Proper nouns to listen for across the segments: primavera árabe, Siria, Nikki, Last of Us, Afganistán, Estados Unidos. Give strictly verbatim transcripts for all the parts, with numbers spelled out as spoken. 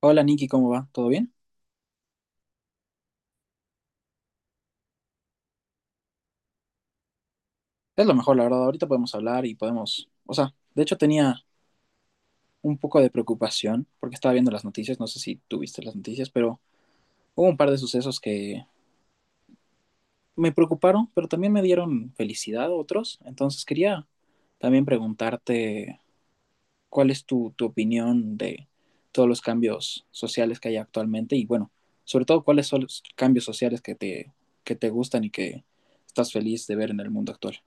Hola Nikki, ¿cómo va? ¿Todo bien? Es lo mejor, la verdad. Ahorita podemos hablar y podemos... O sea, de hecho tenía un poco de preocupación porque estaba viendo las noticias, no sé si tuviste las noticias, pero hubo un par de sucesos que me preocuparon, pero también me dieron felicidad otros. Entonces quería también preguntarte cuál es tu, tu opinión de todos los cambios sociales que hay actualmente y bueno, sobre todo cuáles son los cambios sociales que te, que te gustan y que estás feliz de ver en el mundo actual.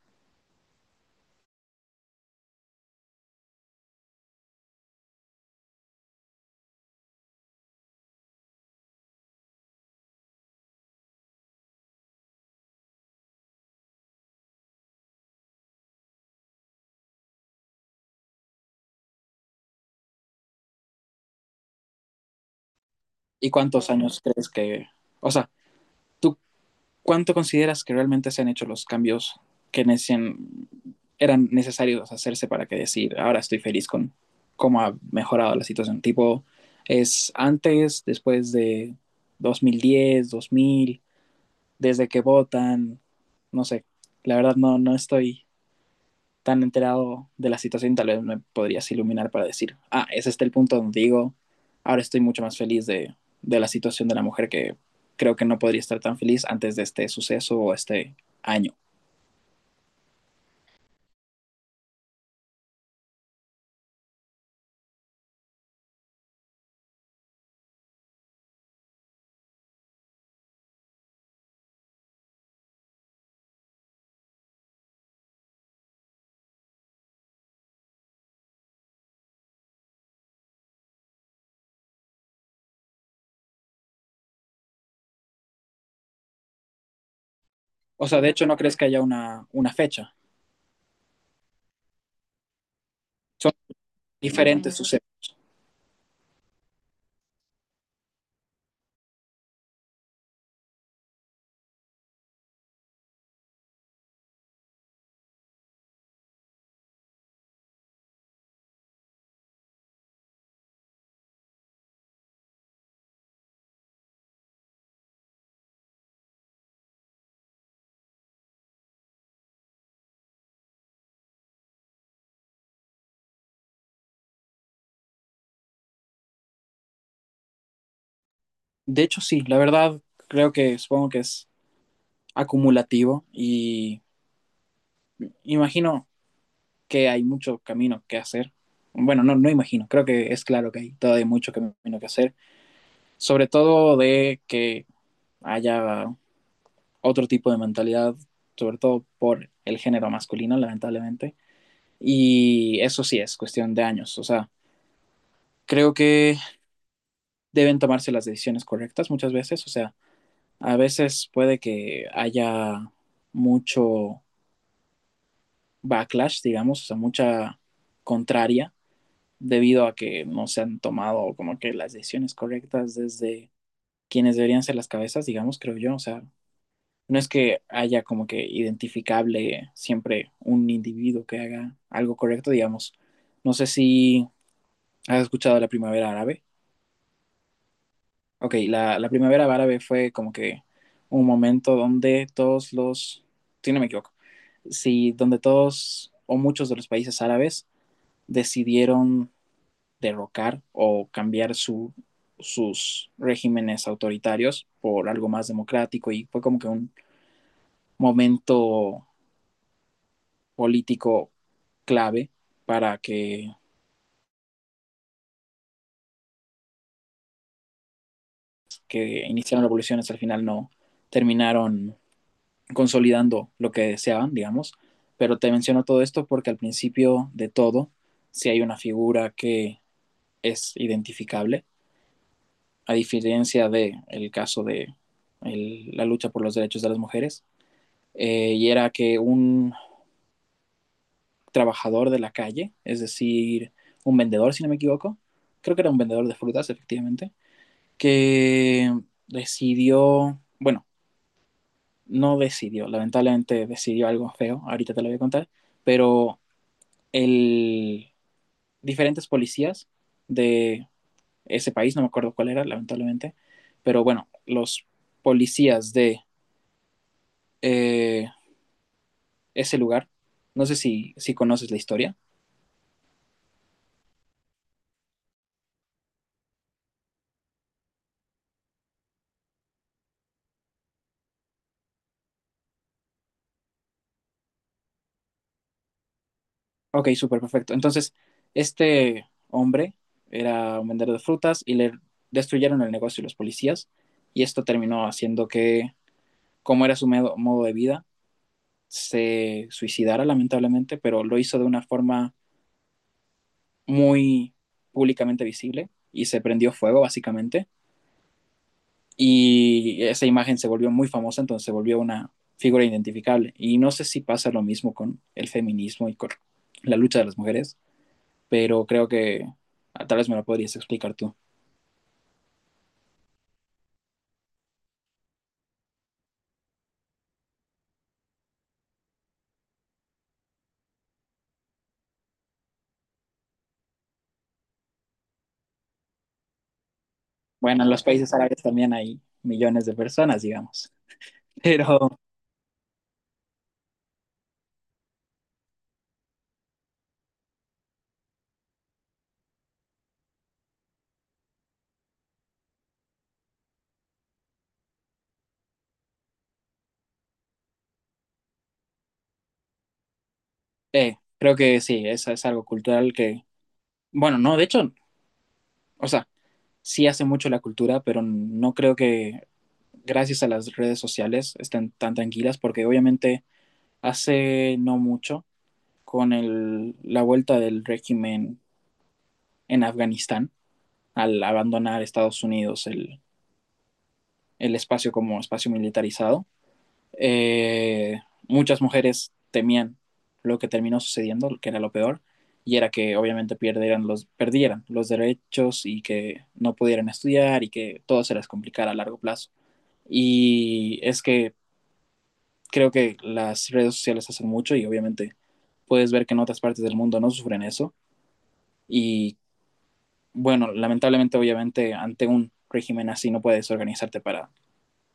¿Y cuántos años crees que, o sea, tú cuánto consideras que realmente se han hecho los cambios que necesitan, eran necesarios hacerse para que decir, ahora estoy feliz con cómo ha mejorado la situación? Tipo, ¿es antes, después de dos mil diez, dos mil, desde que votan? No sé, la verdad no, no estoy tan enterado de la situación, tal vez me podrías iluminar para decir, ah, ese está el punto donde digo, ahora estoy mucho más feliz de, de la situación de la mujer que creo que no podría estar tan feliz antes de este suceso o este año. O sea, de hecho, no crees que haya una, una fecha. Son diferentes sucesos. De hecho, sí, la verdad, creo que supongo que es acumulativo y imagino que hay mucho camino que hacer. Bueno, no, no imagino, creo que es claro que hay todavía mucho camino que hacer, sobre todo de que haya otro tipo de mentalidad, sobre todo por el género masculino, lamentablemente. Y eso sí es cuestión de años. O sea, creo que deben tomarse las decisiones correctas muchas veces. O sea, a veces puede que haya mucho backlash, digamos, o sea, mucha contraria debido a que no se han tomado como que las decisiones correctas desde quienes deberían ser las cabezas, digamos, creo yo. O sea, No es que haya como que identificable siempre un individuo que haga algo correcto, digamos. No sé si has escuchado la primavera árabe. Ok, la, la primavera árabe fue como que un momento donde todos los, si no me equivoco, si donde todos o muchos de los países árabes decidieron derrocar o cambiar su, sus regímenes autoritarios por algo más democrático y fue como que un momento político clave para que, que iniciaron revoluciones, al final no terminaron consolidando lo que deseaban, digamos. Pero te menciono todo esto porque al principio de todo, si hay una figura que es identificable, a diferencia del el caso de el, la lucha por los derechos de las mujeres, eh, y era que un trabajador de la calle, es decir, un vendedor, si no me equivoco, creo que era un vendedor de frutas, efectivamente, que decidió, bueno, no decidió, lamentablemente decidió algo feo, ahorita te lo voy a contar, pero el, diferentes policías de ese país, no me acuerdo cuál era, lamentablemente, pero bueno, los policías de eh, ese lugar, no sé si, si conoces la historia. Ok, súper perfecto. Entonces, este hombre era un vendedor de frutas y le destruyeron el negocio los policías y esto terminó haciendo que, como era su modo, modo de vida, se suicidara lamentablemente, pero lo hizo de una forma muy públicamente visible y se prendió fuego básicamente. Y esa imagen se volvió muy famosa, entonces se volvió una figura identificable. Y no sé si pasa lo mismo con el feminismo y con la lucha de las mujeres, pero creo que ah, tal vez me lo podrías explicar tú. Bueno, en los países árabes también hay millones de personas, digamos, pero eh, creo que sí, eso es algo cultural que, bueno, no, de hecho, o sea, sí hace mucho la cultura, pero no creo que gracias a las redes sociales estén tan tranquilas, porque obviamente hace no mucho, con el, la vuelta del régimen en Afganistán, al abandonar Estados Unidos el, el espacio como espacio militarizado, eh, muchas mujeres temían lo que terminó sucediendo, que era lo peor, y era que obviamente perdieran los, perdieran los derechos y que no pudieran estudiar y que todo se les complicara a largo plazo. Y es que creo que las redes sociales hacen mucho y obviamente puedes ver que en otras partes del mundo no sufren eso. Y bueno, lamentablemente, obviamente, ante un régimen así no puedes organizarte para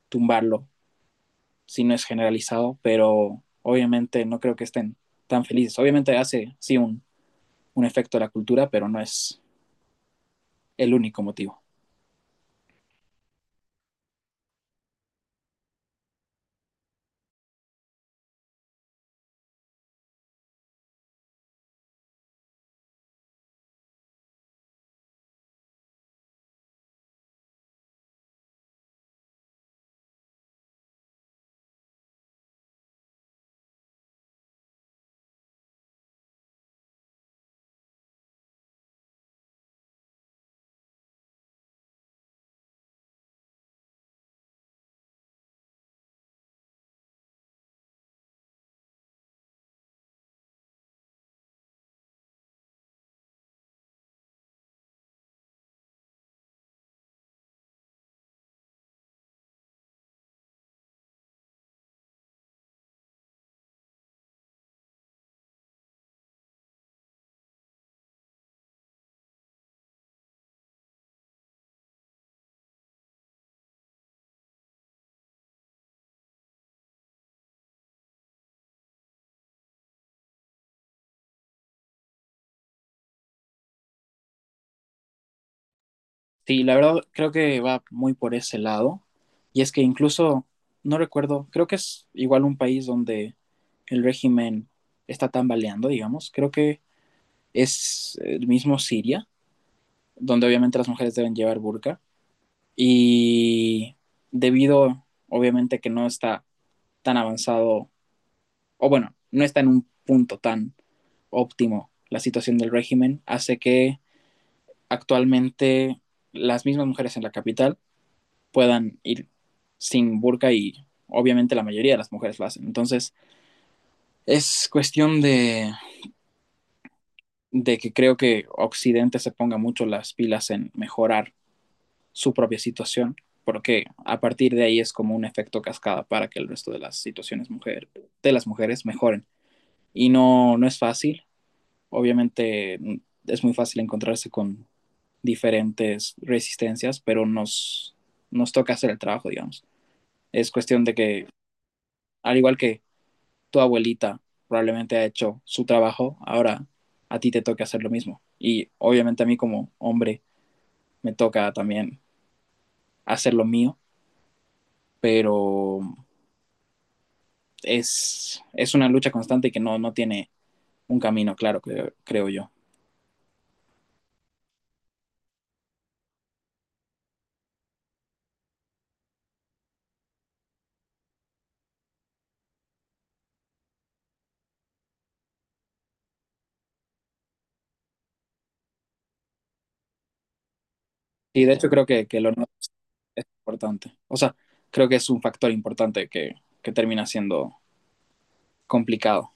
tumbarlo si no es generalizado, pero obviamente no creo que estén tan felices. Obviamente hace, sí, un, un efecto a la cultura, pero no es el único motivo. Sí, la verdad creo que va muy por ese lado. Y es que incluso, no recuerdo, creo que es igual un país donde el régimen está tambaleando, digamos. Creo que es el mismo Siria, donde obviamente las mujeres deben llevar burka. Y debido, obviamente, que no está tan avanzado, o bueno, no está en un punto tan óptimo la situación del régimen, hace que actualmente las mismas mujeres en la capital puedan ir sin burka y obviamente la mayoría de las mujeres lo hacen. Entonces, es cuestión de, de que creo que Occidente se ponga mucho las pilas en mejorar su propia situación, porque a partir de ahí es como un efecto cascada para que el resto de las situaciones mujer, de las mujeres mejoren. Y no, no es fácil, obviamente mm, es muy fácil encontrarse con diferentes resistencias, pero nos, nos toca hacer el trabajo, digamos. Es cuestión de que, al igual que tu abuelita probablemente ha hecho su trabajo, ahora a ti te toca hacer lo mismo. Y obviamente a mí como hombre me toca también hacer lo mío, pero es, es una lucha constante que no, no tiene un camino claro, creo, creo yo. Y de hecho creo que, que lo no es importante. O sea, creo que es un factor importante que, que termina siendo complicado.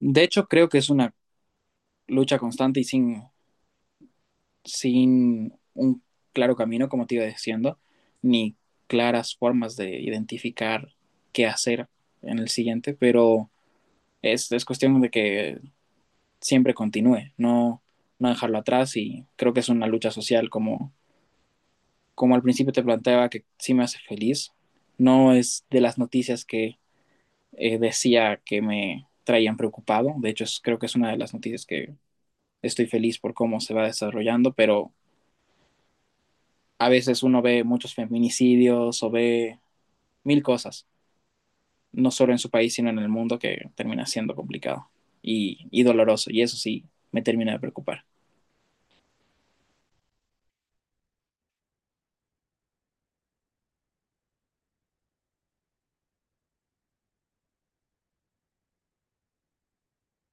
De hecho, creo que es una lucha constante y sin, sin un claro camino, como te iba diciendo, ni claras formas de identificar qué hacer en el siguiente, pero es, es cuestión de que siempre continúe, no, no dejarlo atrás y creo que es una lucha social como, como al principio te planteaba que sí me hace feliz, no es de las noticias que eh, decía que me traían preocupado, de hecho es, creo que es una de las noticias que estoy feliz por cómo se va desarrollando, pero a veces uno ve muchos feminicidios o ve mil cosas, no solo en su país, sino en el mundo, que termina siendo complicado y, y doloroso. Y eso sí, me termina de preocupar.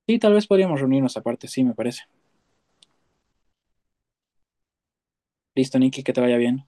Sí, tal vez podríamos reunirnos aparte, sí, me parece. Listo, Nicky, que te vaya bien.